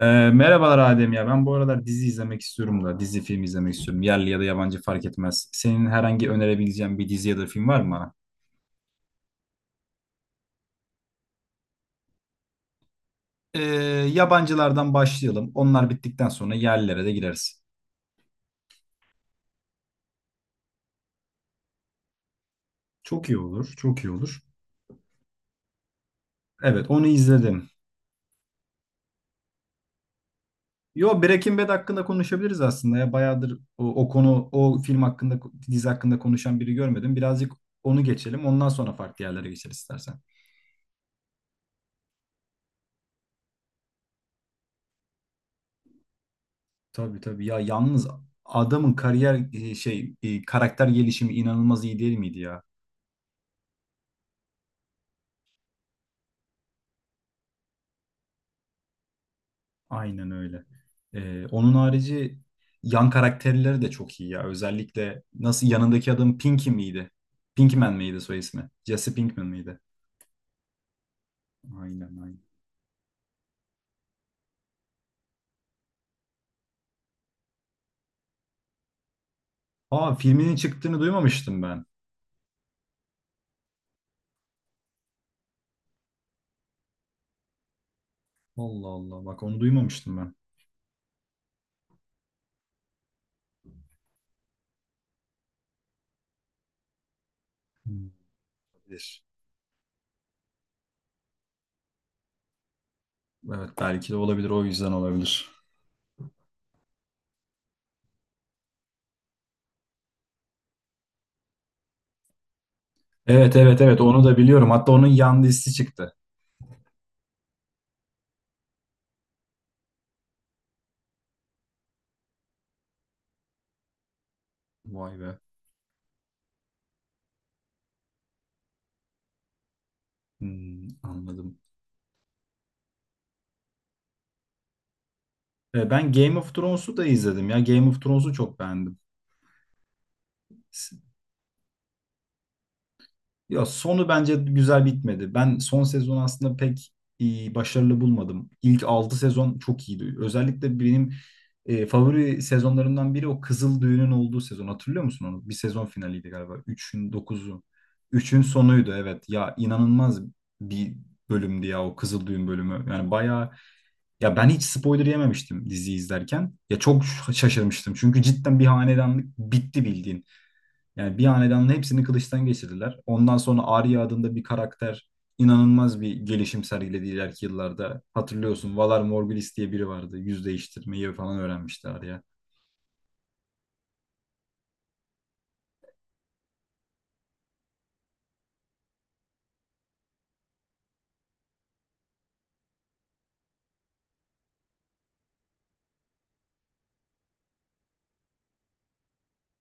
Merhabalar Adem ya. Ben bu aralar dizi izlemek istiyorum da. Dizi film izlemek istiyorum. Yerli ya da yabancı fark etmez. Senin herhangi önerebileceğin bir dizi ya da film var mı bana? Ee, Yabancılardan başlayalım. Onlar bittikten sonra yerlilere de gireriz. Çok iyi olur, çok iyi olur. Evet, onu izledim. Yo, Breaking Bad hakkında konuşabiliriz aslında ya. Bayağıdır o konu, o film hakkında, dizi hakkında konuşan biri görmedim. Birazcık onu geçelim. Ondan sonra farklı yerlere geçeriz istersen. Tabii tabii ya yalnız adamın kariyer e, şey e, karakter gelişimi inanılmaz iyi değil miydi ya? Aynen öyle. Onun harici yan karakterleri de çok iyi ya. Özellikle nasıl yanındaki adam Pinky miydi? Pinkman miydi soy ismi? Jesse Pinkman mıydı? Aynen aynen. Aa filminin çıktığını duymamıştım ben. Allah Allah bak onu duymamıştım ben. Hmm. Olabilir. Evet belki de olabilir o yüzden olabilir. Evet evet evet onu da biliyorum. Hatta onun yan dizisi çıktı. Vay be. Hmm, anladım. Ben Game of Thrones'u da izledim ya. Game of Thrones'u çok beğendim. S- Ya sonu bence güzel bitmedi. Ben son sezon aslında pek başarılı bulmadım. İlk 6 sezon çok iyiydi. Özellikle benim favori sezonlarımdan biri o Kızıl Düğün'ün olduğu sezon. Hatırlıyor musun onu? Bir sezon finaliydi galiba. Üçün sonuydu evet. Ya inanılmaz bir bölümdü ya o Kızıl Düğün bölümü. Yani bayağı. Ya ben hiç spoiler yememiştim diziyi izlerken. Ya çok şaşırmıştım. Çünkü cidden bir hanedanlık bitti bildiğin. Yani bir hanedanın hepsini kılıçtan geçirdiler. Ondan sonra Arya adında bir karakter inanılmaz bir gelişim sergiledi ileriki yıllarda. Hatırlıyorsun Valar Morghulis diye biri vardı. Yüz değiştirmeyi falan öğrenmişti Arya.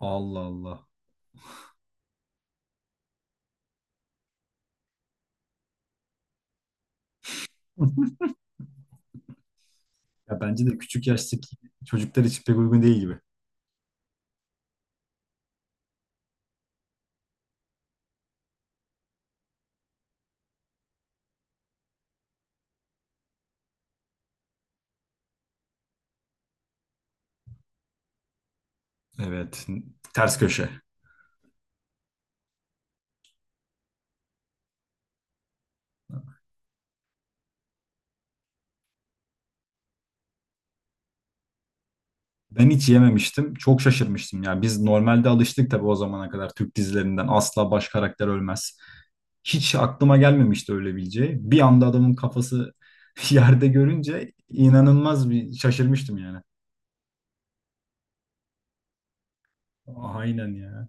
Allah Allah. Ya bence de küçük yaştaki çocuklar için pek uygun değil gibi. Evet. Ters köşe. Ben hiç yememiştim. Çok şaşırmıştım ya. Biz normalde alıştık tabii o zamana kadar Türk dizilerinden asla baş karakter ölmez. Hiç aklıma gelmemişti öyle bileceği. Bir anda adamın kafası yerde görünce inanılmaz bir şaşırmıştım yani. Aynen ya.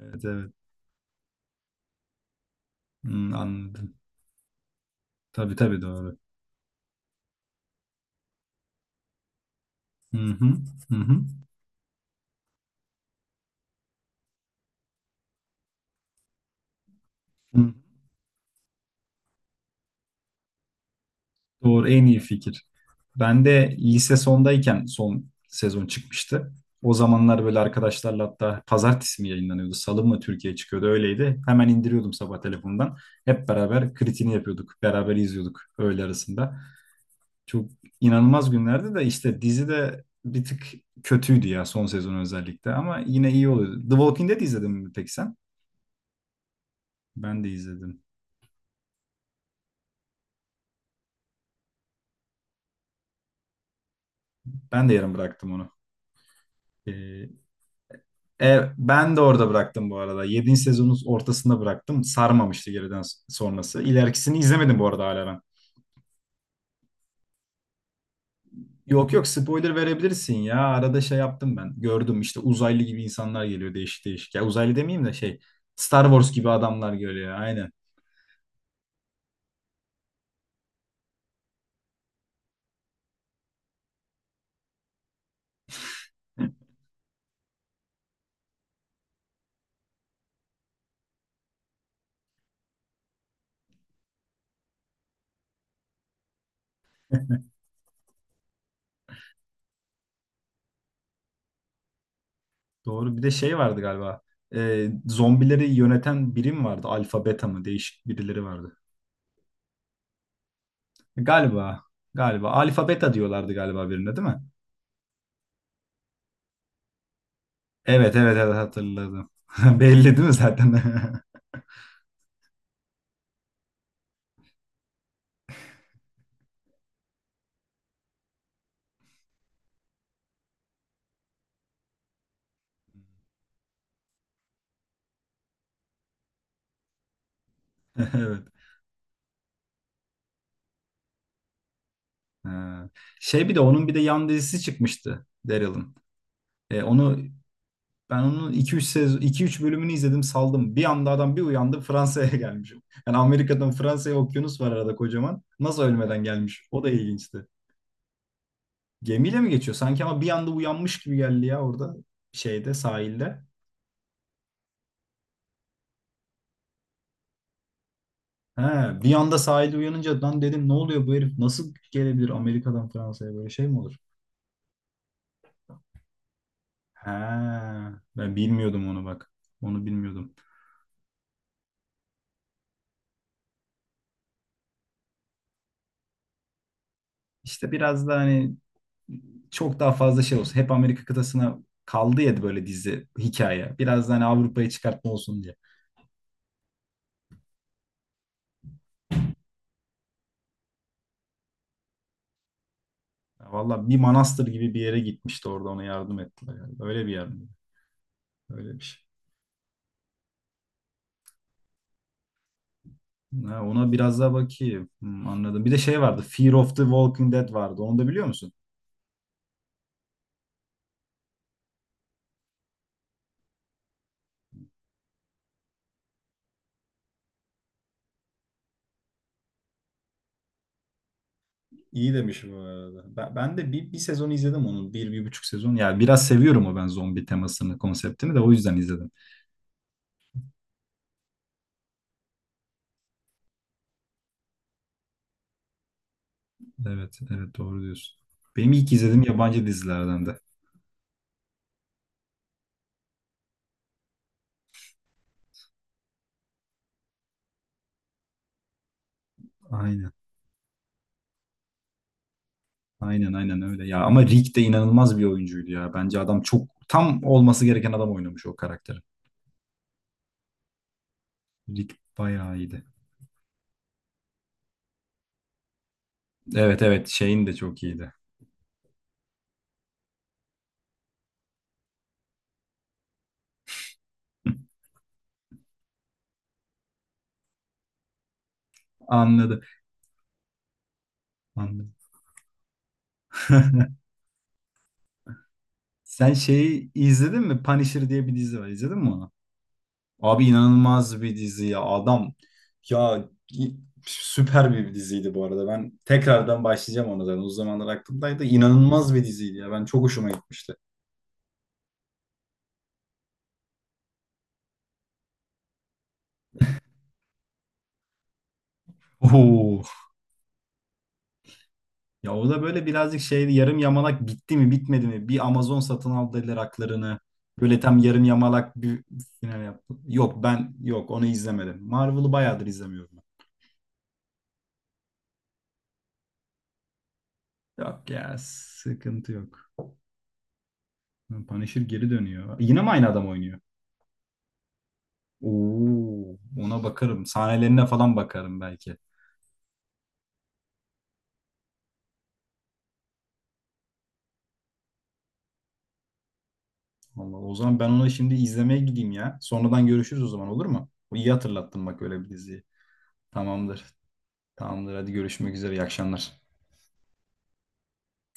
Evet evet. Hmm, anladım. Tabii tabii doğru. Hı hı, hı hı. Hı. Doğru en iyi fikir. Ben de lise sondayken son sezon çıkmıştı. O zamanlar böyle arkadaşlarla hatta pazartesi mi yayınlanıyordu, salı mı Türkiye çıkıyordu öyleydi. Hemen indiriyordum sabah telefondan. Hep beraber kritini yapıyorduk, beraber izliyorduk öğle arasında. Çok inanılmaz günlerdi de işte dizi de bir tık kötüydü ya son sezon özellikle ama yine iyi oluyordu. The Walking Dead izledin mi peki sen? Ben de izledim. Ben de yarım bıraktım onu. Ee, ben de orada bıraktım bu arada. 7. sezonun ortasında bıraktım. Sarmamıştı geriden sonrası. İlerikisini izlemedim bu arada hala ben. Yok yok spoiler verebilirsin ya. Arada şey yaptım ben. Gördüm işte uzaylı gibi insanlar geliyor değişik değişik. Ya uzaylı demeyeyim de şey Star Wars gibi adamlar geliyor. Aynen. Doğru. Bir de şey vardı galiba. Zombileri yöneten birim vardı. Alfa beta mı? Değişik birileri vardı. Galiba. Galiba. Alfa beta diyorlardı galiba birine değil mi? Evet evet evet hatırladım. Belli değil mi zaten? Evet. Ha. Şey bir de onun bir de yan dizisi çıkmıştı Daryl'ın. Onu ben onun iki üç sezon iki üç bölümünü izledim saldım. Bir anda adam bir uyandı Fransa'ya gelmişim. Yani Amerika'dan Fransa'ya okyanus var arada kocaman. Nasıl ölmeden gelmiş? O da ilginçti. Gemiyle mi geçiyor? Sanki ama bir anda uyanmış gibi geldi ya orada şeyde sahilde. He, bir anda sahilde uyanınca lan dedim ne oluyor bu herif nasıl gelebilir Amerika'dan Fransa'ya böyle şey mi olur? He, ben bilmiyordum onu bak. Onu bilmiyordum. İşte biraz da hani çok daha fazla şey olsun. Hep Amerika kıtasına kaldı ya böyle dizi hikaye. Biraz da hani Avrupa'ya çıkartma olsun diye. Ya Valla bir manastır gibi bir yere gitmişti orada ona yardım ettiler. Yani. Öyle bir yer mi? Öyle bir şey. Ha, ona biraz daha bakayım. Hmm, anladım. Bir de şey vardı. Fear of the Walking Dead vardı. Onu da biliyor musun? İyi demişim bu arada. Ben de bir sezon izledim onu. Bir, bir buçuk sezon. Yani biraz seviyorum o ben zombi temasını, konseptini de o yüzden izledim. Evet, evet doğru diyorsun. Benim ilk izlediğim yabancı dizilerden de. Aynen. Aynen aynen öyle ya. Ama Rick de inanılmaz bir oyuncuydu ya. Bence adam çok tam olması gereken adam oynamış o karakteri. Rick bayağı iyiydi. Evet evet şeyin de çok iyiydi. Anladım. Anladım. Sen şeyi izledin mi? Punisher diye bir dizi var. İzledin mi onu? Abi inanılmaz bir dizi ya. Adam ya süper bir diziydi bu arada. Ben tekrardan başlayacağım ona zaten. O zamanlar aklımdaydı. İnanılmaz bir diziydi ya. Ben çok hoşuma gitmişti. Oo. Ya o da böyle birazcık şey yarım yamalak bitti mi bitmedi mi? Bir Amazon satın aldı dediler haklarını. Böyle tam yarım yamalak bir final yaptı. Yok ben yok onu izlemedim. Marvel'ı bayağıdır izlemiyorum ben. Yok ya sıkıntı yok. Punisher geri dönüyor. Yine mi aynı adam oynuyor? Oo, ona bakarım. Sahnelerine falan bakarım belki. Vallahi o zaman ben ona şimdi izlemeye gideyim ya. Sonradan görüşürüz o zaman olur mu? İyi hatırlattın bak öyle bir diziyi. Tamamdır. Tamamdır hadi görüşmek üzere. İyi akşamlar.